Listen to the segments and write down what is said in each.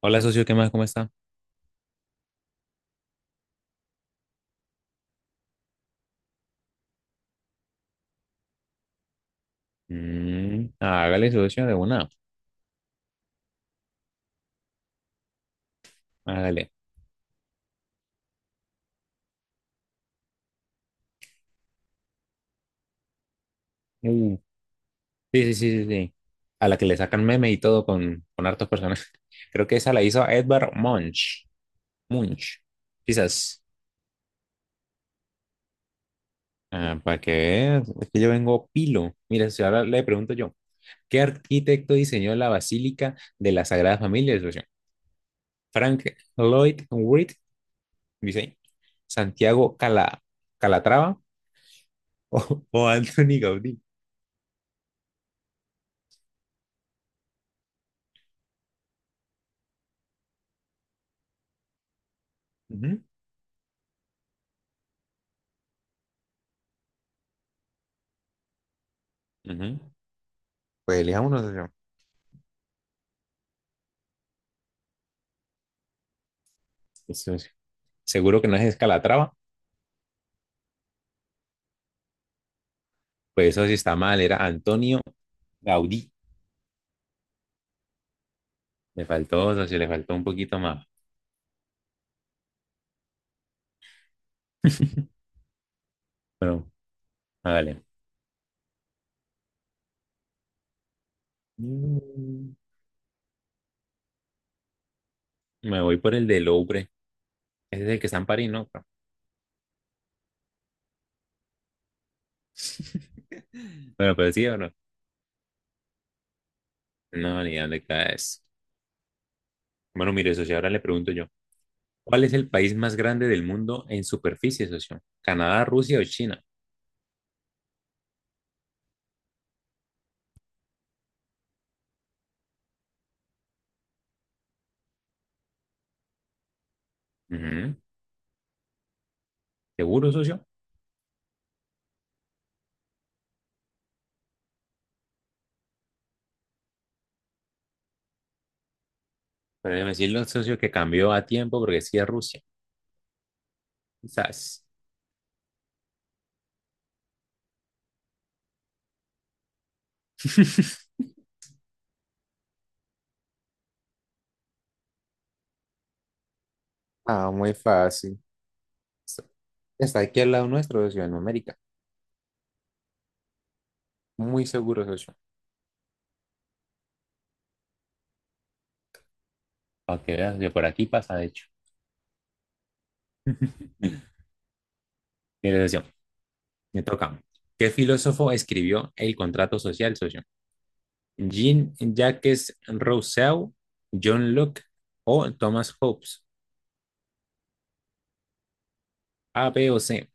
Hola, socio, ¿qué más? ¿Cómo está? Mm, hágale, socio, de una. Hágale. Uh, sí, sí, sí, sí, sí. A la que le sacan meme y todo con hartas personas. Creo que esa la hizo Edvard Munch. Munch. Quizás. Ah, ¿para qué? Vea, es que yo vengo pilo. Mira, si ahora le pregunto yo. ¿Qué arquitecto diseñó la Basílica de la Sagrada Familia, socio? Frank Lloyd Wright, dice ahí. Santiago Cala, Calatrava o Anthony Gaudí. Ujú, ujú. Pues elijamos uno, socio. Eso. Seguro que no es Escalatrava, pues eso sí está mal, era Antonio Gaudí. Le faltó, socio, le faltó un poquito más. Bueno, vale. Me voy por el de Louvre. Ese es el que está en París, ¿no? Bueno, pero sí o no. No, ni dónde caes. Bueno, mire, socio, ahora le pregunto yo. ¿Cuál es el país más grande del mundo en superficie, socio? ¿Canadá, Rusia o China? Ujú. ¿Seguro, socio? Pero déjeme decirlo, socio, que cambió a tiempo porque sí es Rusia. Quizás. Ah, muy fácil. Está está aquí al lado nuestro de Ciudad América. Muy seguro, socio. Para que veas, yo por aquí pasa, de hecho. Mire, socio, me toca. ¿Qué filósofo escribió El contrato social, socio? ¿Jean-Jacques Rousseau, John Locke o Thomas Hobbes? ¿A, B o C?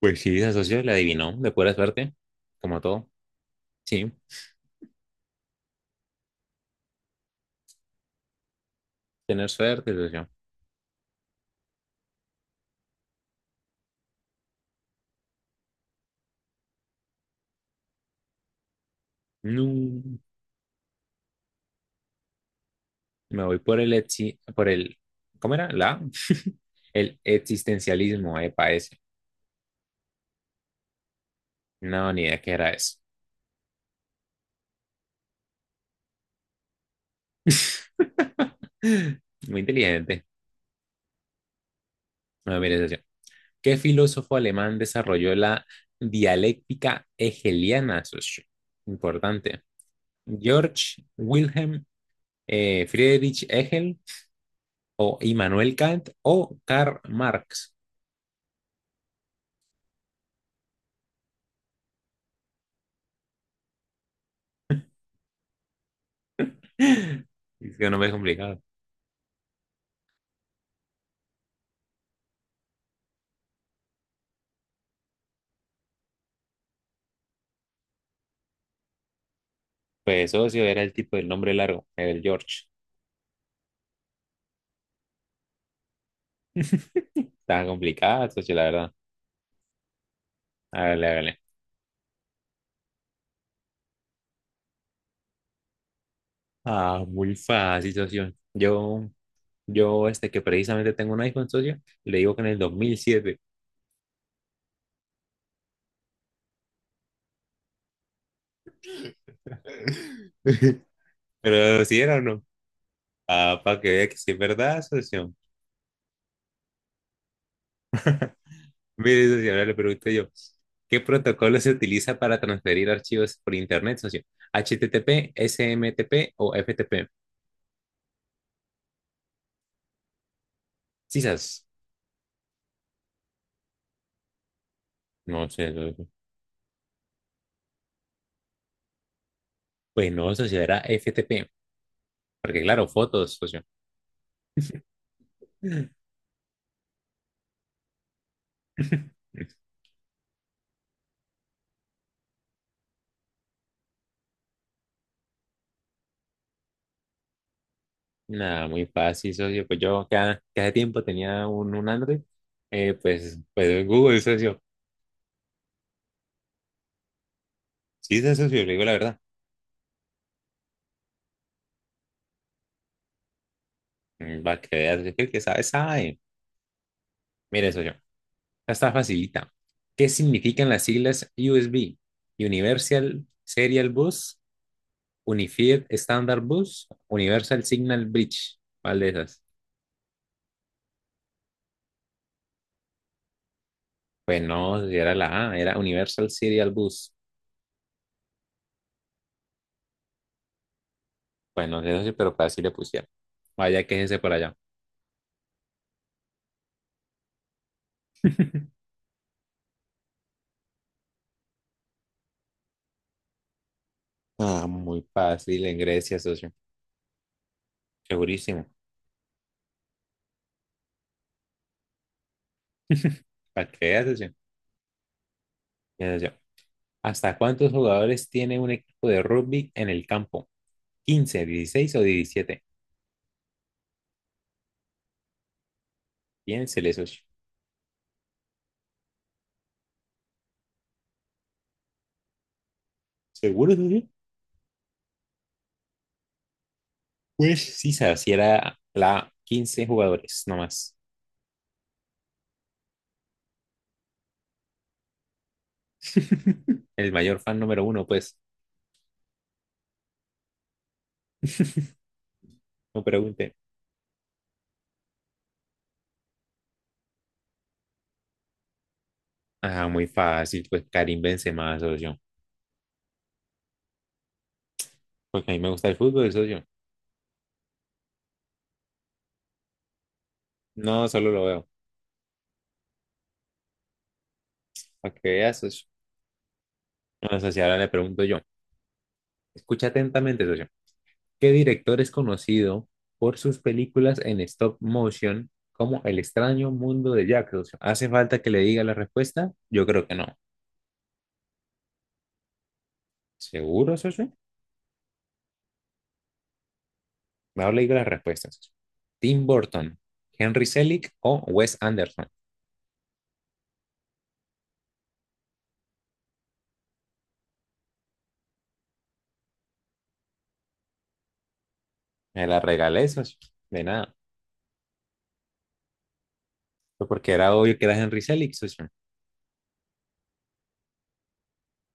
Pues sí, esa socio la adivinó, de pura suerte, como todo. Sí, tener suerte, socio. No, me voy por el, ¿cómo era? La, el existencialismo, epa, ese. No, ni idea qué era eso. Muy inteligente. Bueno, mire, socio, ¿qué filósofo alemán desarrolló la dialéctica hegeliana, socio? Importante. ¿George Wilhelm, Friedrich Hegel o Immanuel Kant o Karl Marx? Es que no me es complicado. Pues socio era el tipo del nombre largo, el George. Estaba complicada, socio, la verdad. Hágale, hágale. Ah, muy fácil, socio. Que precisamente tengo un iPhone socio, le digo que en el 2007. Pero si era o no. Ah, para que vea que sí es verdad, socio. Mire, socio, ahora le pregunto yo. ¿Qué protocolo se utiliza para transferir archivos por internet, socio? ¿HTTP, SMTP o FTP? Quizás. No sé, socio. Pues no, socio, era FTP. Porque claro, fotos, socio. Nada, muy fácil, socio. Pues yo cada tiempo tenía un Android, pues Google, socio. Sí, sí, socio, le digo la verdad. Mm, va a creer, es que el que sabe, sabe. Mire, socio, esta está facilita. ¿Qué significan las siglas USB? Universal Serial Bus, Unified Standard Bus, Universal Signal Bridge. ¿Cuál de esas? Pues no, socio, era la A, era Universal Serial Bus. Pues no sé, socio, pero así le pusieron. Vaya, quéjese por allá. Ah, muy fácil, en Grecia, socio. Segurísimo. Para que veas, socio. Mira, socio, ¿hasta cuántos jugadores tiene un equipo de rugby en el campo? ¿Quince, 16 o 17? Piénsele, socio. ¿Seguro, socio? Pues sí, se si era la 15 jugadores, no más. El mayor fan número uno, pues. No pregunte. Ah, muy fácil, pues Karim Benzema, socio. Porque a mí me gusta el fútbol, socio. No, solo lo veo. Para que veas, socio. Bueno, socio, ahora le pregunto yo. Escucha atentamente, socio. ¿Qué director es conocido por sus películas en stop motion como El extraño mundo de Jack? O sea, ¿hace falta que le diga la respuesta? Yo creo que no. ¿Seguro, socio? No le digo las respuestas, socio. Tim Burton, Henry Selick o Wes Anderson. Me la regalé, socio. De nada. Pues porque era obvio que era Henry Selick, socio.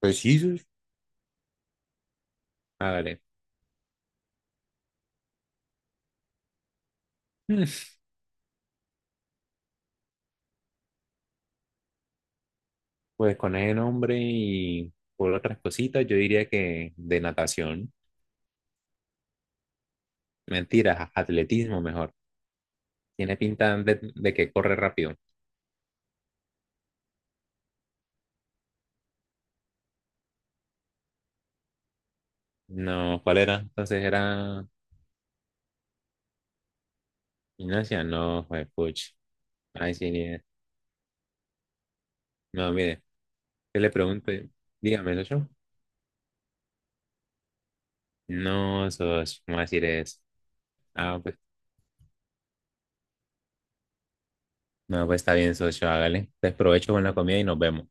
Pues sí, socio. Hágale. Mm. Pues con ese nombre y por otras cositas, yo diría que de natación. Mentiras, atletismo mejor. Tiene pinta de que corre rápido. No, ¿cuál era? Entonces era Ignacia. No, fue Puch. Ay, sí, ni idea. No, mire, ¿qué le pregunto? Dígame, socio. No, socio, ¿cómo va a decir eso? Ah, pues, no, pues está bien, socio, hágale. Desprovecho con la comida y nos vemos.